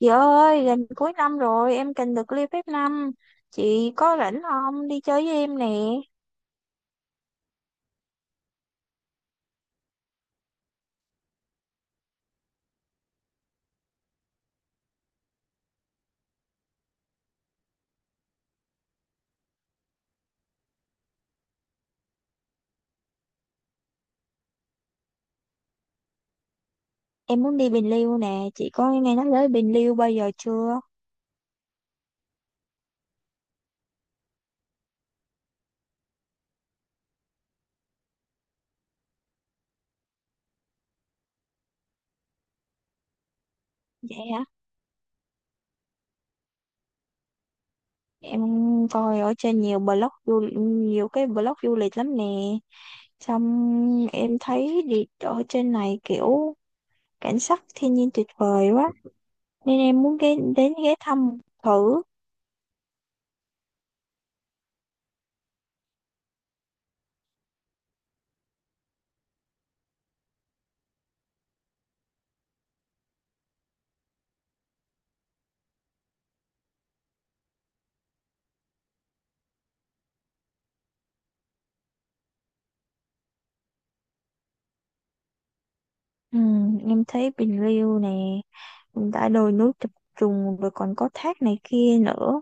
Chị ơi, gần cuối năm rồi, em cần được leave phép năm. Chị có rảnh không? Đi chơi với em nè. Em muốn đi Bình Liêu nè. Chị có nghe nói tới Bình Liêu bao giờ chưa? Vậy hả? Em coi ở trên nhiều cái blog du lịch lắm nè. Xong em thấy đi ở trên này kiểu cảnh sắc thiên nhiên tuyệt vời quá. Nên em muốn ghé thăm thử. Ừ, em thấy Bình Liêu nè, đã đồi núi chập trùng rồi còn có thác này kia nữa.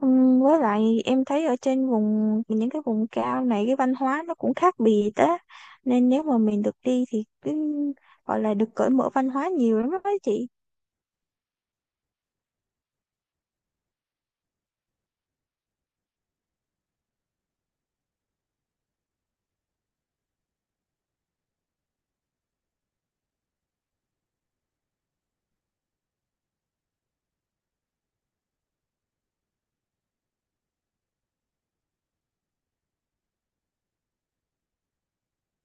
Với lại em thấy ở trên những cái vùng cao này cái văn hóa nó cũng khác biệt á, nên nếu mà mình được đi thì gọi là được cởi mở văn hóa nhiều lắm đó chị.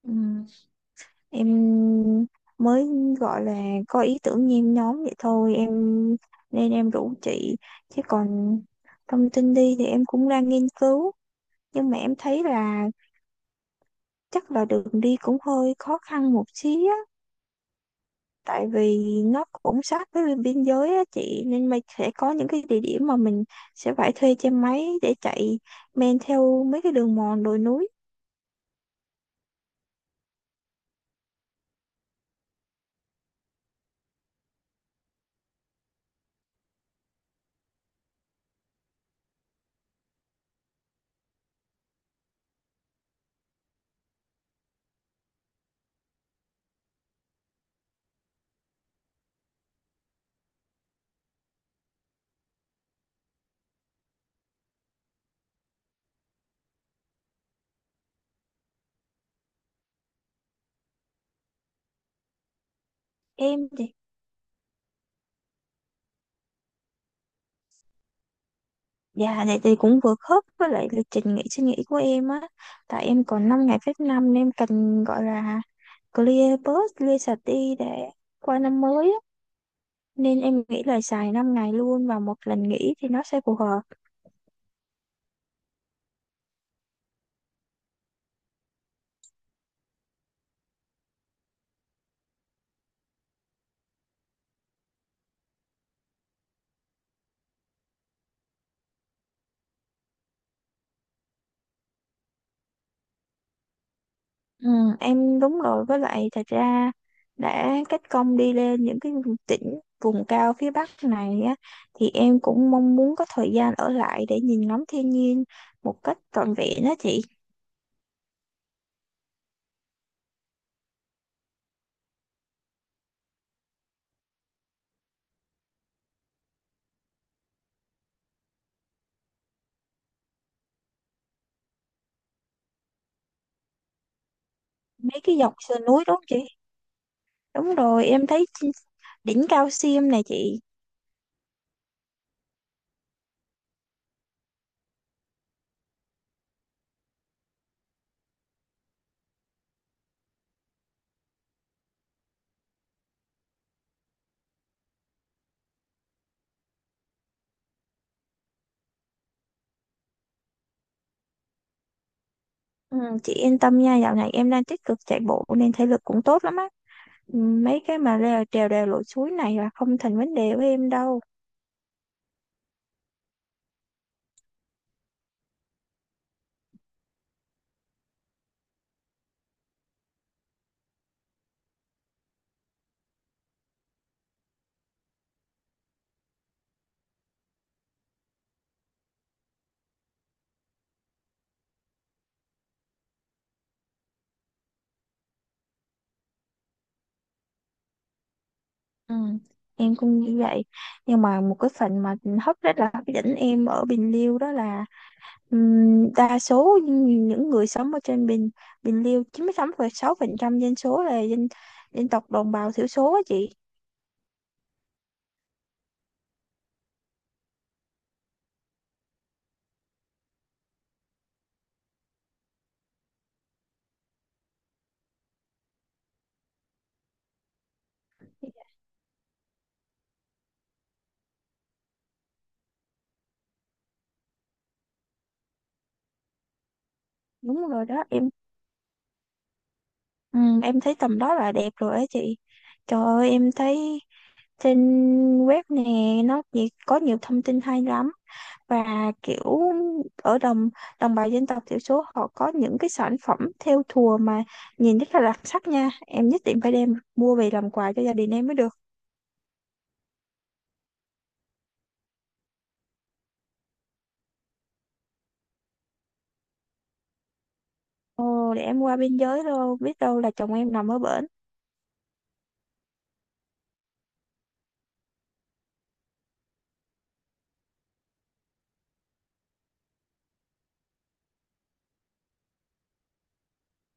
Ừm, em mới gọi là có ý tưởng nhen nhóm vậy thôi em, nên em rủ chị, chứ còn thông tin đi thì em cũng đang nghiên cứu, nhưng mà em thấy là chắc là đường đi cũng hơi khó khăn một xíu á, tại vì nó cũng sát với bên biên giới á chị, nên mình sẽ có những cái địa điểm mà mình sẽ phải thuê xe máy để chạy men theo mấy cái đường mòn đồi núi. Em thì Dạ này thì cũng vừa khớp với lại lịch trình suy nghĩ của em á, tại em còn 5 ngày phép năm nên em cần gọi là clear sạch đi để qua năm mới á, nên em nghĩ là xài 5 ngày luôn và một lần nghỉ thì nó sẽ phù hợp. Ừ, đúng rồi, với lại thật ra đã kết công đi lên những cái tỉnh vùng cao phía Bắc này á, thì em cũng mong muốn có thời gian ở lại để nhìn ngắm thiên nhiên một cách trọn vẹn á chị. Mấy cái dọc sườn núi đúng không chị? Đúng rồi, em thấy đỉnh Cao Sim này chị. Ừ, chị yên tâm nha, dạo này em đang tích cực chạy bộ nên thể lực cũng tốt lắm á. Ừ, mấy cái mà leo trèo đèo lội suối này là không thành vấn đề với em đâu. Ừ, em cũng như vậy, nhưng mà một cái phần mà rất là hấp dẫn em ở Bình Liêu đó là, đa số những người sống ở trên Bình Bình Liêu, 96,6% dân số là dân dân tộc đồng bào thiểu số á chị. Đúng rồi đó em. Em thấy tầm đó là đẹp rồi á chị. Trời ơi em thấy trên web nè, có nhiều thông tin hay lắm. Và kiểu ở đồng đồng bào dân tộc thiểu số họ có những cái sản phẩm thêu thùa mà nhìn rất là đặc sắc nha, em nhất định phải đem mua về làm quà cho gia đình em mới được. Ồ để em qua biên giới đâu, biết đâu là chồng em nằm ở bển.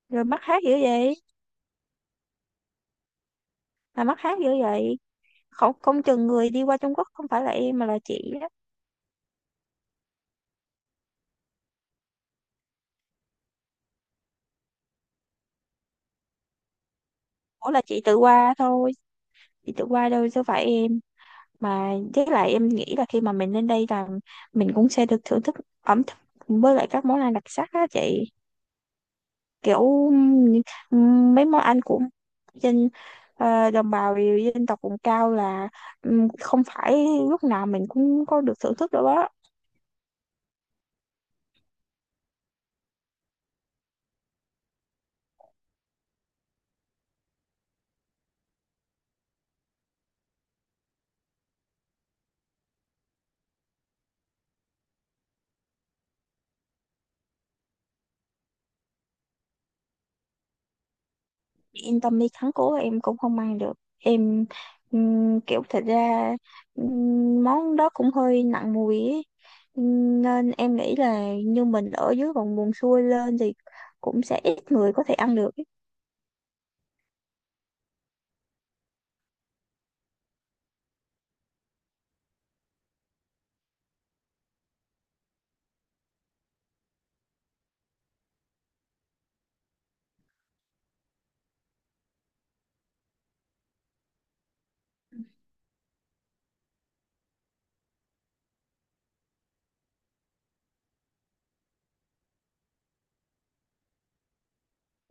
Rồi mắc hát dữ vậy, mắc hát dữ vậy, không không chừng người đi qua Trung Quốc không phải là em mà là chị á. Ủa là chị tự qua thôi, chị tự qua đâu chứ phải em. Mà với lại em nghĩ là khi mà mình lên đây là mình cũng sẽ được thưởng thức ẩm thực với lại các món ăn đặc sắc á chị, kiểu ừm, mấy món ăn của dân đồng bào dân tộc vùng cao là, không phải lúc nào mình cũng có được thưởng thức đâu đó. Yên tâm đi, thắng cố em cũng không ăn được. em Kiểu thật ra, món đó cũng hơi nặng mùi ấy. Nên em nghĩ là như mình ở dưới vùng buồn xuôi lên thì cũng sẽ ít người có thể ăn được.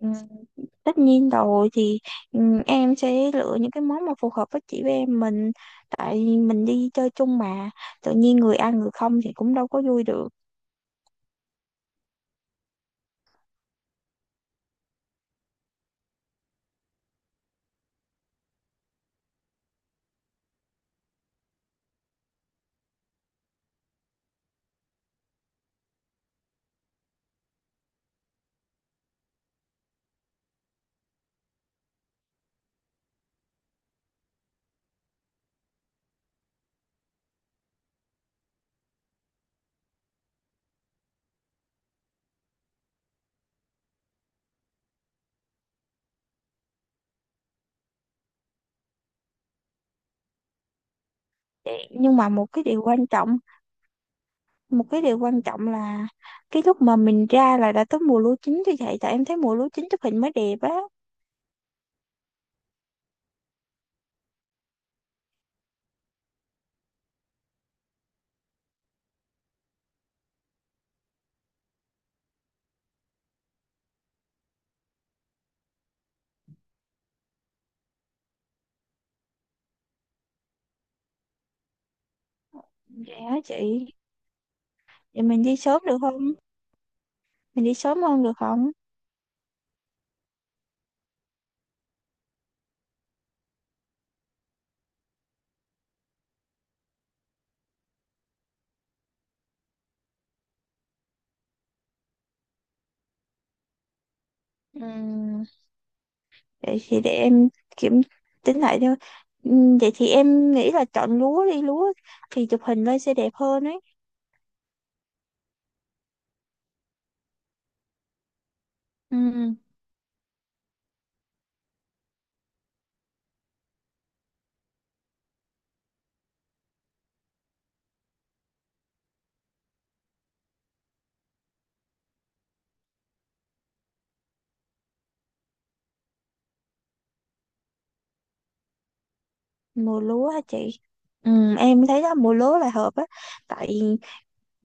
Ừ, tất nhiên rồi thì, ừ, em sẽ lựa những cái món mà phù hợp với chị với em mình, tại mình đi chơi chung mà, tự nhiên người ăn người không thì cũng đâu có vui được. Nhưng mà một cái điều quan trọng là cái lúc mà mình ra là đã tới mùa lúa chín, thì vậy tại em thấy mùa lúa chín chụp hình mới đẹp á. Dạ chị, thì mình đi sớm được không, mình đi sớm hơn được không? Ừ. Vậy thì để em kiểm tính lại thôi. Vậy thì em nghĩ là chọn lúa đi, lúa thì chụp hình lên sẽ đẹp hơn ấy. Ừm, mùa lúa hả chị? Em thấy đó mùa lúa là hợp á. Tại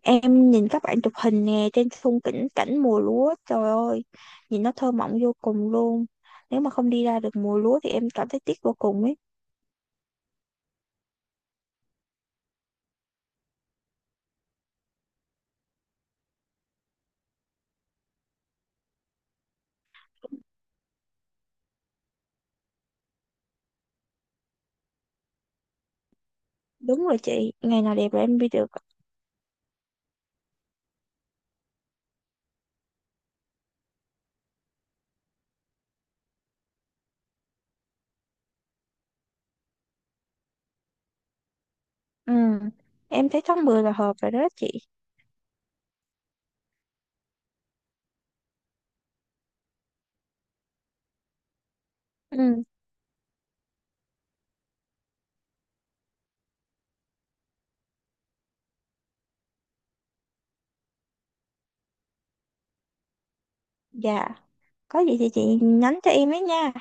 em nhìn các bạn chụp hình nè, trên khung cảnh cảnh mùa lúa, trời ơi, nhìn nó thơ mộng vô cùng luôn. Nếu mà không đi ra được mùa lúa thì em cảm thấy tiếc vô cùng ấy. Đúng rồi chị, ngày nào đẹp là em đi được. Ừm, Em thấy tháng 10 là hợp rồi đó chị. Ừm, dạ. Có gì thì chị nhắn cho em ấy nha.